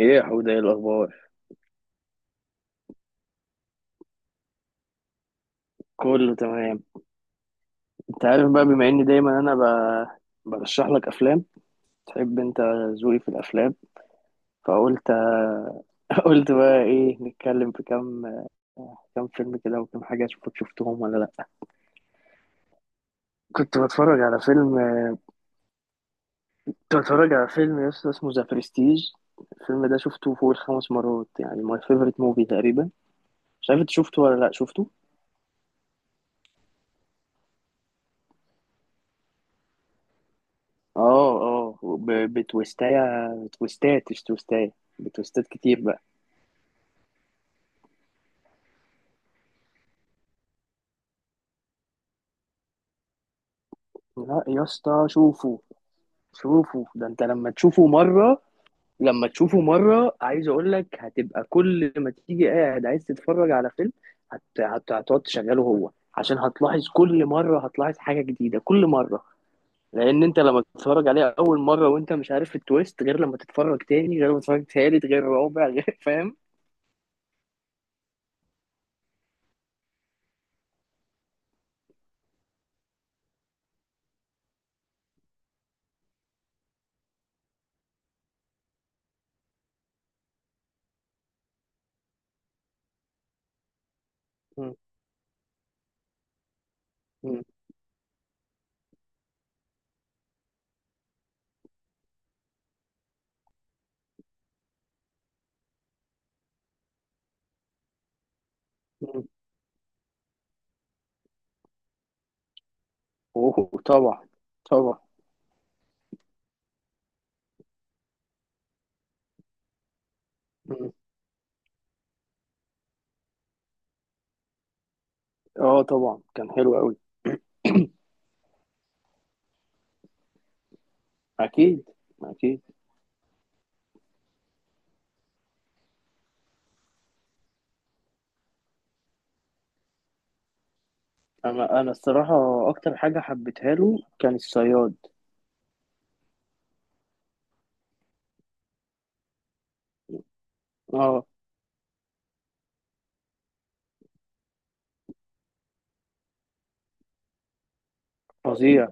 ايه يا حوده، ايه الاخبار؟ كله تمام. انت عارف بقى، بما اني دايما انا برشح لك افلام تحب انت ذوقي في الافلام. فقلت قلت بقى ايه، نتكلم في كام فيلم كده وكام حاجه، اشوفك شفتهم ولا لا. كنت بتفرج على فيلم كنت بتفرج على فيلم يا اسطى اسمه ذا برستيج. الفيلم ده شفته فوق الخمس مرات، يعني ماي فيفورت موفي تقريبا. مش عارف انت شفته ولا لا شفته. اه اه، بتويستات، مش تويستاية. بتويستات كتير بقى. لا يا اسطى، شوفوا شوفوا ده، انت لما تشوفه مرة، عايز اقول لك، هتبقى كل ما تيجي قاعد عايز تتفرج على فيلم، هتقعد تشغله هو، عشان هتلاحظ كل مرة، هتلاحظ حاجة جديدة كل مرة. لان انت لما تتفرج عليه اول مرة وانت مش عارف التويست، غير لما تتفرج تاني، غير لما تتفرج تالت، غير رابع، غير، فاهم؟ م- م- م. اوه، طبعا طبعا. م. اه طبعا، كان حلو قوي. اكيد اكيد. انا الصراحه، اكتر حاجه حبيتها له كان الصياد. اه، فظيع.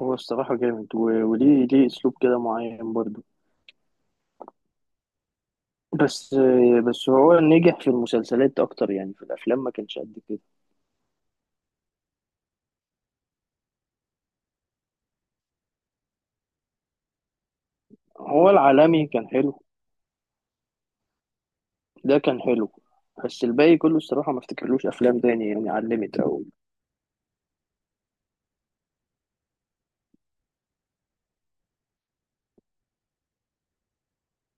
هو الصراحه جامد، وليه اسلوب كده معين برضه. بس بس هو نجح في المسلسلات اكتر، يعني في الافلام ما كانش قد كده. هو العالمي كان حلو، ده كان حلو. بس الباقي كله الصراحه ما افتكرلوش افلام تاني، يعني علمت قوي.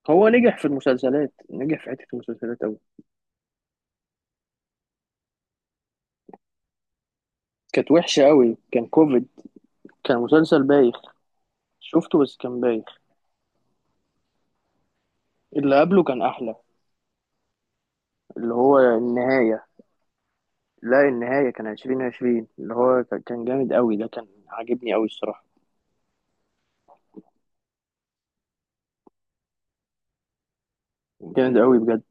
هو نجح في المسلسلات، نجح في حته المسلسلات قوي. كانت وحشه قوي، كان كوفيد. كان مسلسل بايخ، شفته بس كان بايخ. اللي قبله كان احلى، اللي هو النهايه. لا، النهاية كان 2020، اللي هو كان جامد قوي، ده كان عاجبني قوي الصراحة. جامد قوي بجد.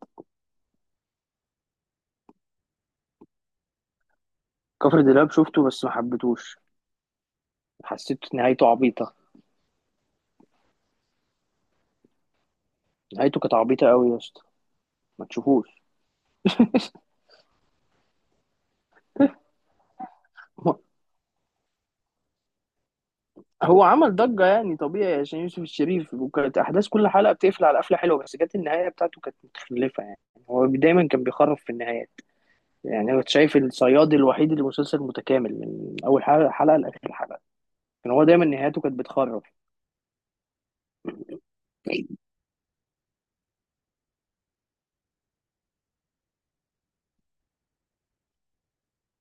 كفر دلاب شفته بس ما حبيتهوش، حسيت نهايته عبيطة. نهايته كانت عبيطة قوي يا اسطى، ما تشوفوش. هو هو عمل ضجة يعني طبيعي عشان يوسف الشريف، وكانت أحداث كل حلقة بتقفل على قفلة حلوة، بس جت النهاية بتاعته كانت متخلفة يعني. هو دايما كان بيخرف في النهايات. يعني أنا كنت شايف الصياد الوحيد اللي مسلسل متكامل، من أول حلقة لآخر حلقة. كان هو دايما نهايته كانت بتخرف.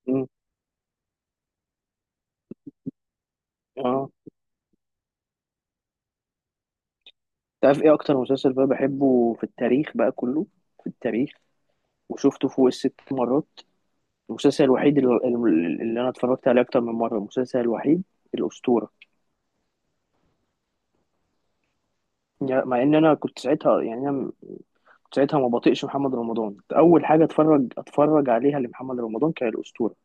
م. اه، تعرف ايه اكتر مسلسل بقى بحبه في التاريخ بقى كله، في التاريخ؟ وشفته فوق الست مرات. المسلسل الوحيد اللي انا اتفرجت عليه اكتر من مره، المسلسل الوحيد، الاسطوره. يعني مع ان انا كنت ساعتها، يعني انا كنت ساعتها ما بطيقش محمد رمضان، اول حاجه اتفرج عليها لمحمد رمضان كان الاسطوره.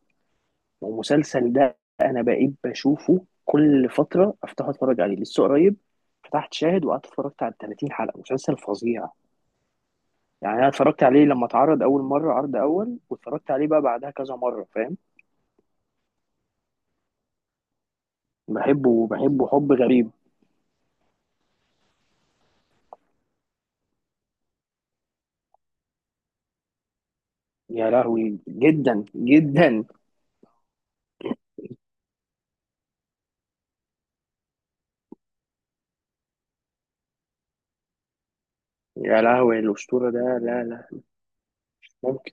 والمسلسل ده انا بقيت بشوفه كل فتره، افتح اتفرج عليه لسه قريب، فتحت شاهد وقعدت اتفرجت على 30 حلقه، مسلسل فظيع. يعني انا اتفرجت عليه لما اتعرض اول مره، عرض اول، واتفرجت عليه بقى بعدها كذا مره، فاهم؟ بحبه بحبه حب غريب. يا لهوي، جدا جدا. يا لهوي، الاسطوره ده، لا لا. ممكن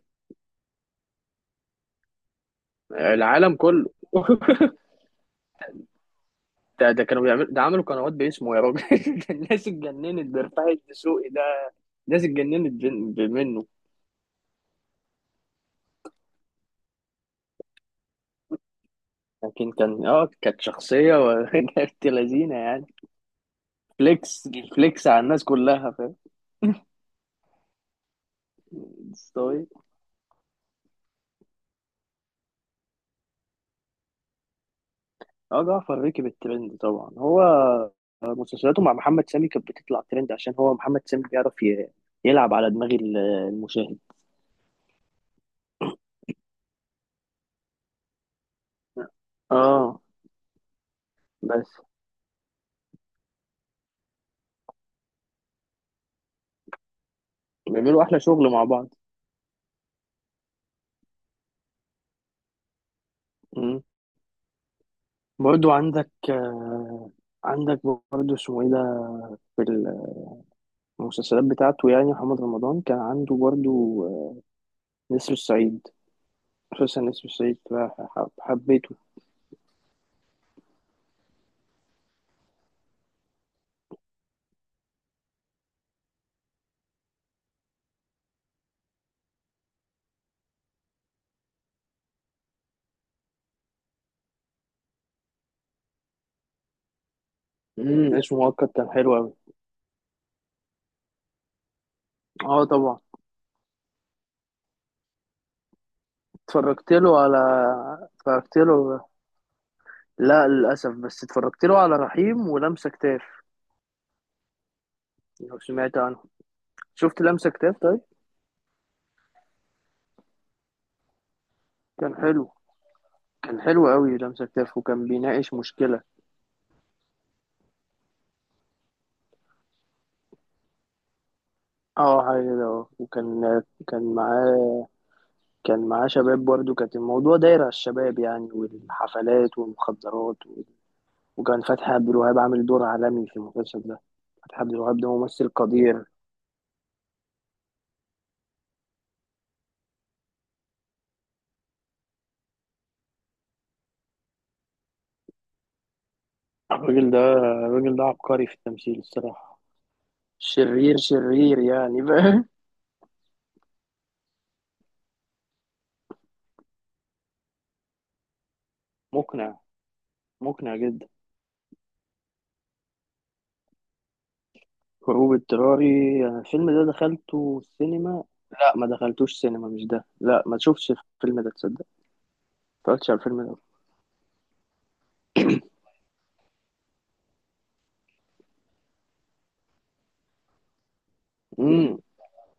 العالم كله. ده كانوا بيعملوا، ده عملوا قنوات باسمه يا راجل. الناس اتجننت برفاعي الدسوقي ده، الناس اتجننت منه. لكن كان كانت شخصيه كانت لذينه يعني. فليكس فليكس على الناس كلها، فاهم. اه، جعفر ركب الترند طبعا، هو مسلسلاته مع محمد سامي كانت بتطلع ترند، عشان هو محمد سامي بيعرف يلعب على دماغ المشاهد. اه بس بيعملوا احلى شغل مع بعض. مم. برضو عندك، عندك برضو اسمه ايه ده، في المسلسلات بتاعته. يعني محمد رمضان كان عنده برضو، نسر الصعيد. مسلسل نسر الصعيد ده حبيته. اسمه مؤقت كان حلو أوي. اه طبعا. اتفرجت له على اتفرجت له لا، للأسف، بس اتفرجت له على رحيم ولمسة كتاف. لو سمعت عنه، شفت لمسة كتاف؟ طيب، كان حلو، كان حلو قوي لمسة كتاف، وكان بيناقش مشكلة. اه حاجة كده، اه، وكان كان معاه كان معاه شباب، برضه كانت الموضوع داير على الشباب يعني، والحفلات والمخدرات و... وكان فتحي عبد الوهاب عامل دور عالمي في المسلسل ده. فتحي عبد الوهاب ده ممثل قدير. الراجل ده عبقري في التمثيل الصراحة. شرير شرير يعني، فاهم. مقنع، مقنع جدا. هروب اضطراري، يعني الفيلم ده دخلته السينما. لا، ما دخلتوش سينما، مش ده، لا، ما تشوفش الفيلم ده تصدق. ما اتفرجتش على الفيلم ده. امم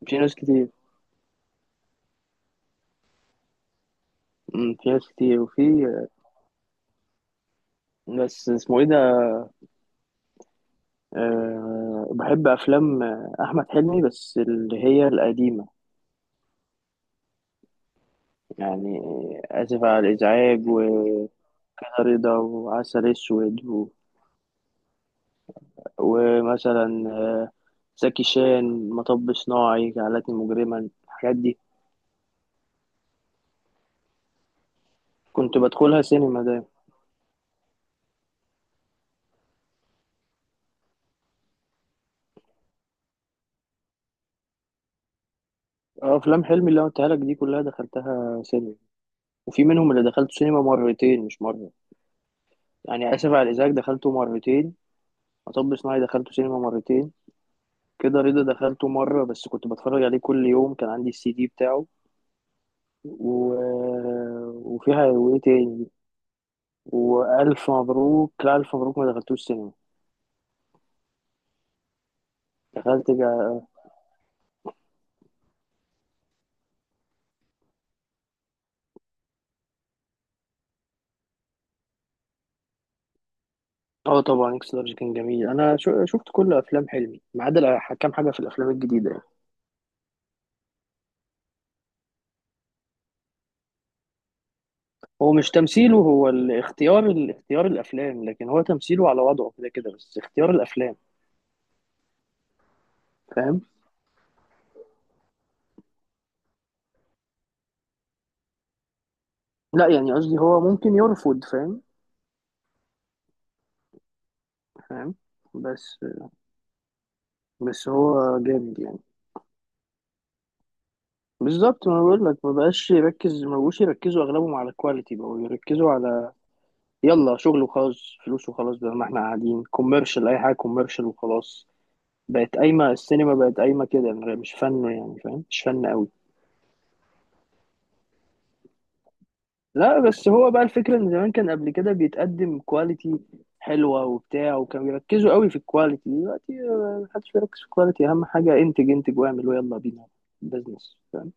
في ناس كتير، وفي ناس اسمه ايه ده. أه، بحب افلام احمد حلمي بس اللي هي القديمه، يعني اسف على الازعاج وكده، رضا وعسل اسود ومثلا زكي شان، مطب صناعي، جعلتني مجرما، الحاجات دي كنت بدخلها سينما ده. اه، افلام حلمي اللي انا قلتها لك دي كلها دخلتها سينما، وفي منهم اللي دخلته سينما مرتين مش مره. يعني اسف على الازعاج دخلته مرتين، مطب صناعي دخلته سينما مرتين، كده رضا دخلته مره بس كنت بتفرج عليه كل يوم، كان عندي السي دي بتاعه. و... آه، وفيها وايه تاني، والف مبروك، لا، الف مبروك ما دخلتوش سينما، دخلت جا... اه طبعا، اكس لارج كان جميل، انا شفت كل افلام حلمي ما عدا كام حاجه في الافلام الجديده. هو مش تمثيله، هو الاختيار، الافلام، لكن هو تمثيله على وضعه كده كده، بس اختيار الافلام، فاهم. لا يعني قصدي هو ممكن يرفض، فاهم فاهم، بس بس هو جامد يعني. بالظبط، ما بقول لك، ما بقاش يركز، ما بقوش يركزوا اغلبهم على الكواليتي، بقوا يركزوا على يلا شغل وخلاص، فلوس وخلاص، بدل ما احنا قاعدين كوميرشال، اي حاجه كوميرشال وخلاص. بقت قايمه السينما، بقت قايمه كده مش فن، يعني فاهم، مش فن قوي. لا بس هو بقى الفكرة ان زمان كان قبل كده بيتقدم كواليتي حلوة وبتاع، وكانوا بيركزوا قوي في الكواليتي، دلوقتي محدش بيركز في الكواليتي، اهم حاجة انتج انتج واعمل ويلا بينا، بزنس فاهم.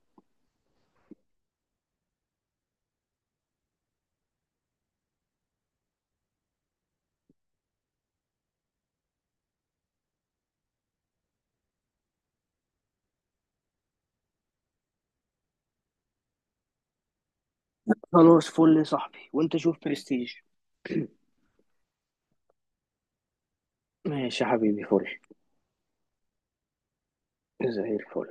خلاص، فل يا صاحبي، وانت شوف برستيج. ماشي يا حبيبي، فل. زي الفل.